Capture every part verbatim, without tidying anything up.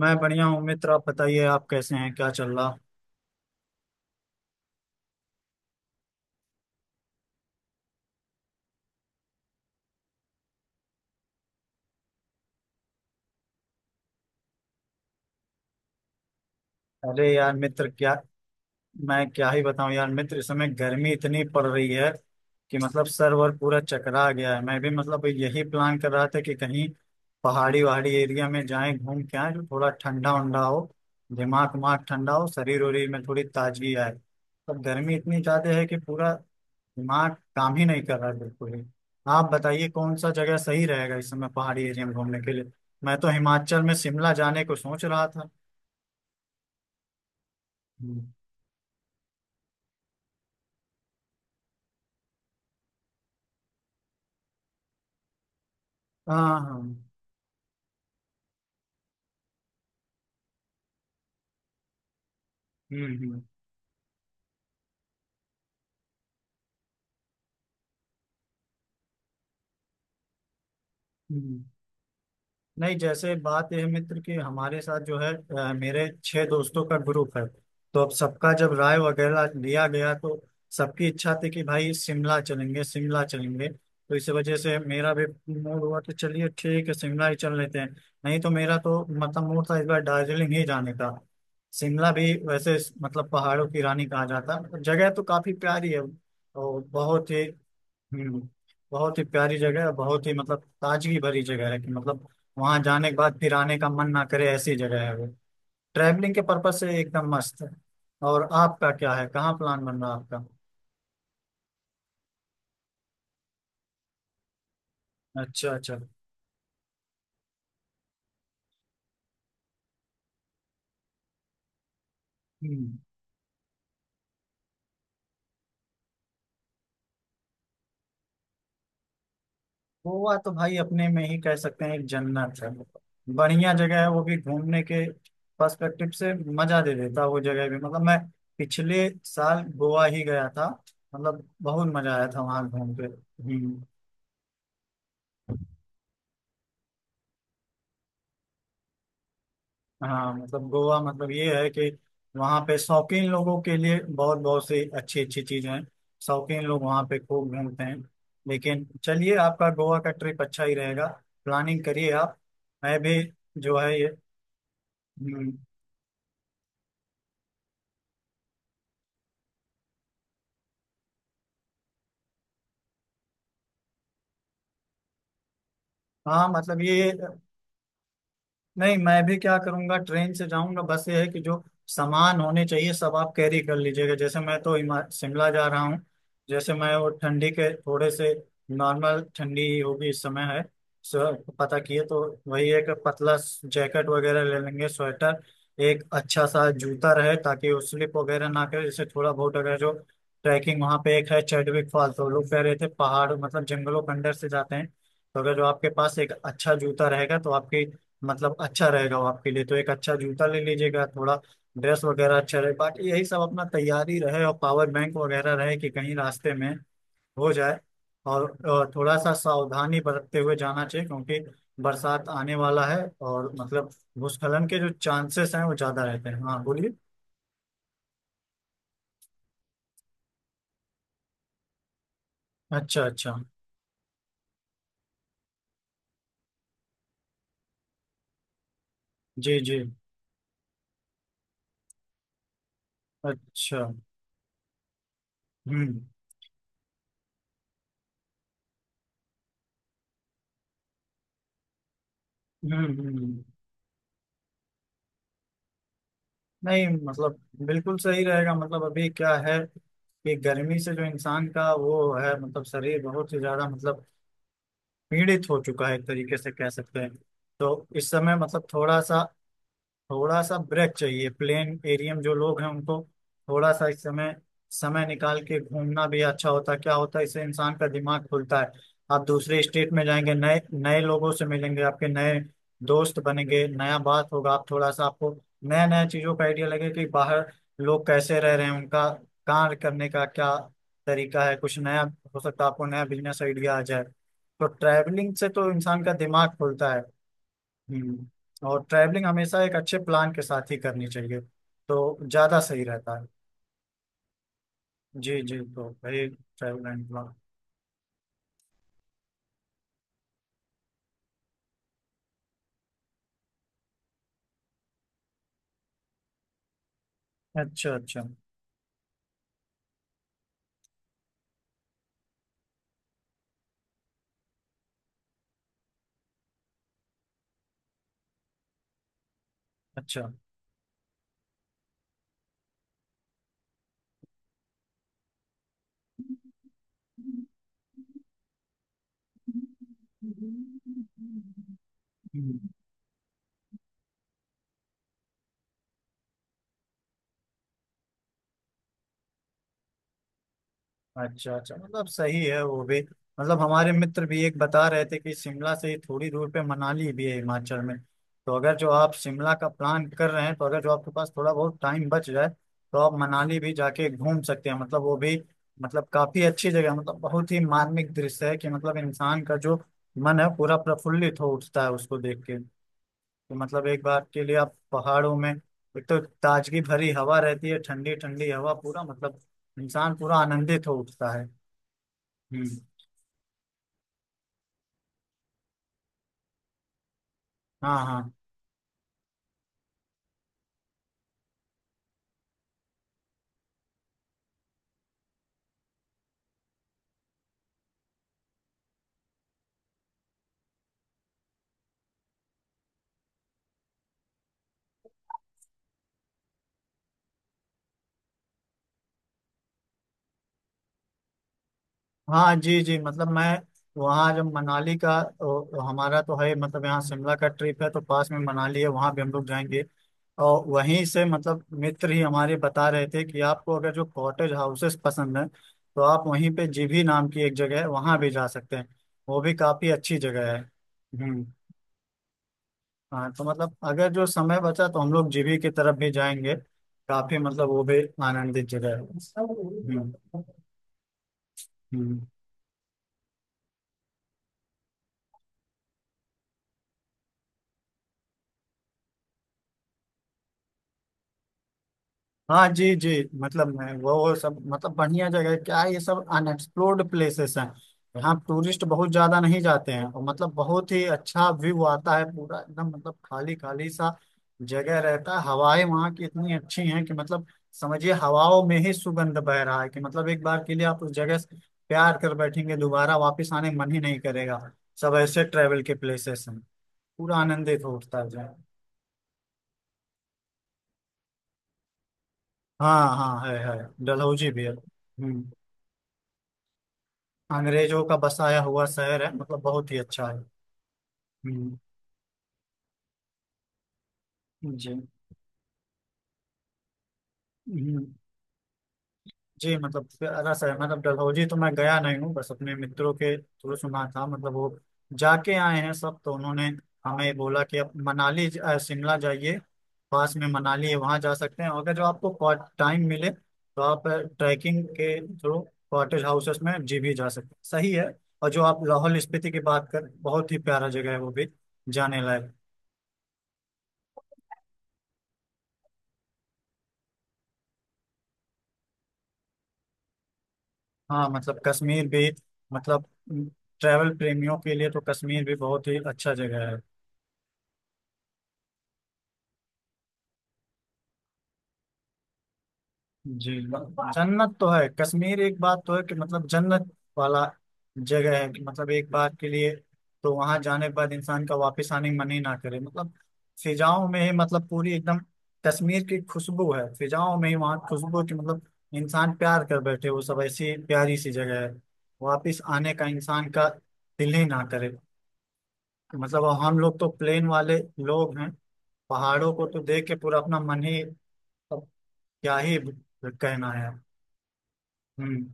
मैं बढ़िया हूँ मित्र। आप बताइए, आप कैसे हैं? क्या चल रहा? अरे यार मित्र, क्या मैं क्या ही बताऊं यार मित्र। इस समय गर्मी इतनी पड़ रही है कि मतलब सर वर पूरा चकरा गया है। मैं भी मतलब यही प्लान कर रहा था कि कहीं पहाड़ी वहाड़ी एरिया में जाएं, घूम के आए, जो थोड़ा ठंडा उंडा हो, दिमाग उमाग ठंडा हो, शरीर वरीर में थोड़ी ताजगी आए। पर गर्मी इतनी ज्यादा है कि पूरा दिमाग काम ही नहीं कर रहा है बिल्कुल ही। आप बताइए, कौन सा जगह सही रहेगा इस समय पहाड़ी एरिया में घूमने के लिए? मैं तो हिमाचल में शिमला जाने को सोच रहा था। हम्म। हाँ हाँ। हम्म। हम्म। हम्म। नहीं, जैसे बात यह है मित्र कि हमारे साथ जो है अ, मेरे छह दोस्तों का ग्रुप है। तो अब सबका जब राय वगैरह लिया गया तो सबकी इच्छा थी कि भाई शिमला चलेंगे, शिमला चलेंगे। तो इस वजह से मेरा भी मूड हुआ, तो चलिए, ठीक है, शिमला ही चल लेते हैं। नहीं तो मेरा तो मतलब मूड था इस बार दार्जिलिंग ही जाने का। शिमला भी वैसे मतलब पहाड़ों की रानी कहा जाता है, जगह तो काफी प्यारी है। और बहुत ही हम्म, बहुत ही प्यारी जगह है। बहुत ही मतलब ताजगी भरी जगह है कि मतलब वहां जाने के बाद फिर आने का मन ना करे, ऐसी जगह है वो। ट्रैवलिंग के पर्पज से एकदम मस्त है। और आपका क्या है? कहाँ प्लान बन रहा है आपका? अच्छा अच्छा। हम्म। गोवा तो भाई अपने में ही कह सकते हैं एक जन्नत है। बढ़िया जगह है वो भी घूमने के पर्सपेक्टिव से, मजा दे देता है वो जगह भी। मतलब मैं पिछले साल गोवा ही गया था, मतलब बहुत मजा आया था वहां घूम के। हम्म। हाँ, मतलब गोवा मतलब ये है कि वहाँ पे शौकीन लोगों के लिए बहुत बहुत सी अच्छी अच्छी चीजें हैं। शौकीन लोग वहाँ पे खूब घूमते हैं। लेकिन चलिए, आपका गोवा का ट्रिप अच्छा ही रहेगा। प्लानिंग करिए आप। मैं भी जो है ये। हम्म। हाँ, मतलब ये। नहीं, मैं भी क्या करूंगा, ट्रेन से जाऊंगा। बस ये है कि जो सामान होने चाहिए सब आप कैरी कर लीजिएगा। जैसे मैं तो हिमा- शिमला जा रहा हूँ। जैसे मैं वो ठंडी के थोड़े से नॉर्मल ठंडी ही होगी इस समय है। सो पता किए तो वही एक पतला जैकेट वगैरह ले लेंगे, स्वेटर। एक अच्छा सा जूता रहे ताकि वो स्लिप वगैरह ना करे। जैसे थोड़ा बहुत अगर जो ट्रैकिंग वहाँ पे एक है चैडविक फॉल, तो लोग कह रहे थे पहाड़ मतलब जंगलों के अंदर से जाते हैं। तो अगर जो आपके पास एक अच्छा जूता रहेगा तो आपकी मतलब अच्छा रहेगा वो आपके लिए। तो एक अच्छा जूता ले लीजिएगा, थोड़ा ड्रेस वगैरह अच्छा रहे, बाकी यही सब अपना तैयारी रहे और पावर बैंक वगैरह रहे कि कहीं रास्ते में हो जाए। और अ, थोड़ा सा सावधानी बरतते हुए जाना चाहिए क्योंकि बरसात आने वाला है और मतलब भूस्खलन के जो चांसेस हैं वो ज्यादा रहते हैं। हाँ बोलिए। अच्छा अच्छा। जी जी। अच्छा। हम्म। हम्म। हम्म। नहीं मतलब बिल्कुल सही रहेगा। मतलब अभी क्या है कि गर्मी से जो इंसान का वो है मतलब शरीर बहुत ही ज्यादा मतलब पीड़ित हो चुका है एक तरीके से कह सकते हैं। तो इस समय मतलब थोड़ा सा थोड़ा सा ब्रेक चाहिए, प्लेन एरिया में जो लोग हैं उनको। थोड़ा सा इस समय समय निकाल के घूमना भी अच्छा होता है। क्या होता है, इससे इंसान का दिमाग खुलता है। आप दूसरे स्टेट में जाएंगे, नए नए लोगों से मिलेंगे, आपके नए दोस्त बनेंगे, नया बात होगा। आप थोड़ा सा, आपको नया नया चीजों का आइडिया लगे कि बाहर लोग कैसे रह रहे हैं, उनका कार्य करने का क्या तरीका है, कुछ नया। हो सकता है आपको नया बिजनेस आइडिया आ जाए, तो ट्रैवलिंग से तो इंसान का दिमाग खुलता है। हम्म और ट्रैवलिंग हमेशा एक अच्छे प्लान के साथ ही करनी चाहिए, तो ज़्यादा सही रहता है। जी जी, तो भाई ट्रैवल एंड प्लान। अच्छा अच्छा। अच्छा। हम्म। अच्छा अच्छा, मतलब सही है वो भी। मतलब हमारे मित्र भी एक बता रहे थे कि शिमला से ही थोड़ी दूर पे मनाली भी है हिमाचल में। तो अगर जो आप शिमला का प्लान कर रहे हैं तो अगर जो आपके पास थोड़ा बहुत टाइम बच जाए तो आप मनाली भी जाके घूम सकते हैं, मतलब वो भी मतलब काफी अच्छी जगह है। मतलब बहुत ही मार्मिक दृश्य है कि मतलब इंसान का जो मन है पूरा प्रफुल्लित हो उठता है उसको देख के। तो मतलब एक बार के लिए आप पहाड़ों में, एक तो ताजगी भरी हवा रहती है, ठंडी ठंडी हवा, पूरा मतलब इंसान पूरा आनंदित हो उठता है। हम्म। हाँ हाँ हाँ। जी जी, मतलब मैं वहाँ जब मनाली का ओ, हमारा तो है मतलब यहाँ शिमला का ट्रिप है, तो पास में मनाली है, वहाँ भी हम लोग जाएंगे। और वहीं से मतलब मित्र ही हमारे बता रहे थे कि आपको अगर जो कॉटेज हाउसेस पसंद है तो आप वहीं पे जीभी नाम की एक जगह है वहाँ भी जा सकते हैं। वो भी काफ़ी अच्छी जगह है। हम्म। हाँ, तो मतलब अगर जो समय बचा तो हम लोग जीभी की तरफ भी जाएंगे। काफ़ी मतलब वो भी आनंदित जगह है। हम्म। हम्म। हम्म। हाँ जी जी, मतलब मैं वो वो सब मतलब बढ़िया जगह है। क्या है, ये सब अनएक्सप्लोर्ड प्लेसेस हैं। यहाँ टूरिस्ट बहुत ज्यादा नहीं जाते हैं और मतलब बहुत ही अच्छा व्यू आता है पूरा एकदम, मतलब खाली खाली सा जगह रहता है। हवाएं वहाँ की इतनी अच्छी हैं कि मतलब समझिए हवाओं में ही सुगंध बह रहा है, कि मतलब एक बार के लिए आप उस जगह से प्यार कर बैठेंगे, दोबारा वापस आने मन ही नहीं करेगा। सब ऐसे ट्रेवल के प्लेसेस हैं, पूरा आनंदित होता है जो। हाँ हाँ, है है डलहौजी भी है। हम्म। अंग्रेजों का बसाया हुआ शहर है, मतलब बहुत ही अच्छा है। हम्म, जी। हम्म, जी, मतलब प्यारा सा है, मतलब डलहौजी तो मैं गया नहीं हूँ, बस अपने मित्रों के थ्रू सुना था। मतलब वो जाके आए हैं सब तो उन्होंने हमें बोला कि आप मनाली ज- अ, शिमला जाइए। पास में मनाली है, वहाँ जा सकते हैं अगर जो आपको टाइम मिले, तो आप ट्रैकिंग के थ्रू कॉटेज हाउसेस में जी भी जा सकते हैं, सही है। और जो आप लाहौल स्पीति की बात कर, बहुत ही प्यारा जगह है वो भी, जाने लायक। हाँ मतलब कश्मीर भी मतलब ट्रैवल प्रेमियों के लिए तो कश्मीर भी बहुत ही अच्छा जगह है। जी। जन्नत तो है कश्मीर, एक बात तो है कि मतलब जन्नत वाला जगह है कि मतलब एक बार के लिए तो वहां जाने के बाद इंसान का वापस आने का मन ही ना करे। मतलब फिजाओं में ही मतलब पूरी एकदम कश्मीर की खुशबू है। फिजाओं में ही वहाँ खुशबू की मतलब इंसान प्यार कर बैठे, वो सब ऐसी प्यारी सी जगह है। वापिस आने का इंसान का दिल ही ना करे। मतलब अब हम लोग तो प्लेन वाले लोग हैं, पहाड़ों को तो देख के पूरा अपना मन ही, अब क्या ही कहना है। हम्म।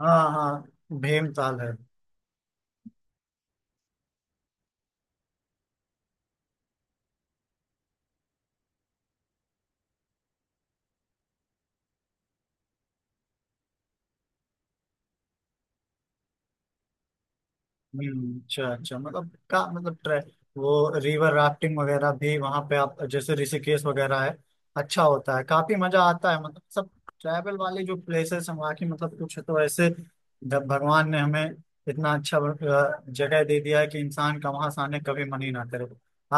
हाँ हाँ, भीमताल है। हम्म, अच्छा अच्छा, मतलब का मतलब ट्रे वो रिवर राफ्टिंग वगैरह भी वहां पे आप जैसे ऋषिकेश वगैरह है, अच्छा होता है, काफी मजा आता है। मतलब सब ट्रैवल वाले जो प्लेसेस हैं वहाँ की मतलब कुछ तो ऐसे द- भगवान ने हमें इतना अच्छा अ, जगह दे दिया है कि इंसान का वहां से आने कभी मन ही ना करे।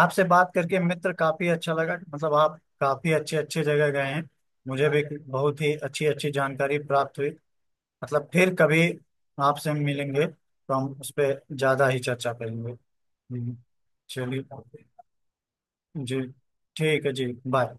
आपसे बात करके मित्र काफी अच्छा लगा, मतलब आप काफी अच्छे अच्छे जगह गए हैं। मुझे भी बहुत ही अच्छी अच्छी जानकारी प्राप्त हुई। मतलब फिर कभी आपसे हम मिलेंगे तो हम उस पर ज्यादा ही चर्चा करेंगे। हम्म, चलिए, जी, ठीक है जी, बाय।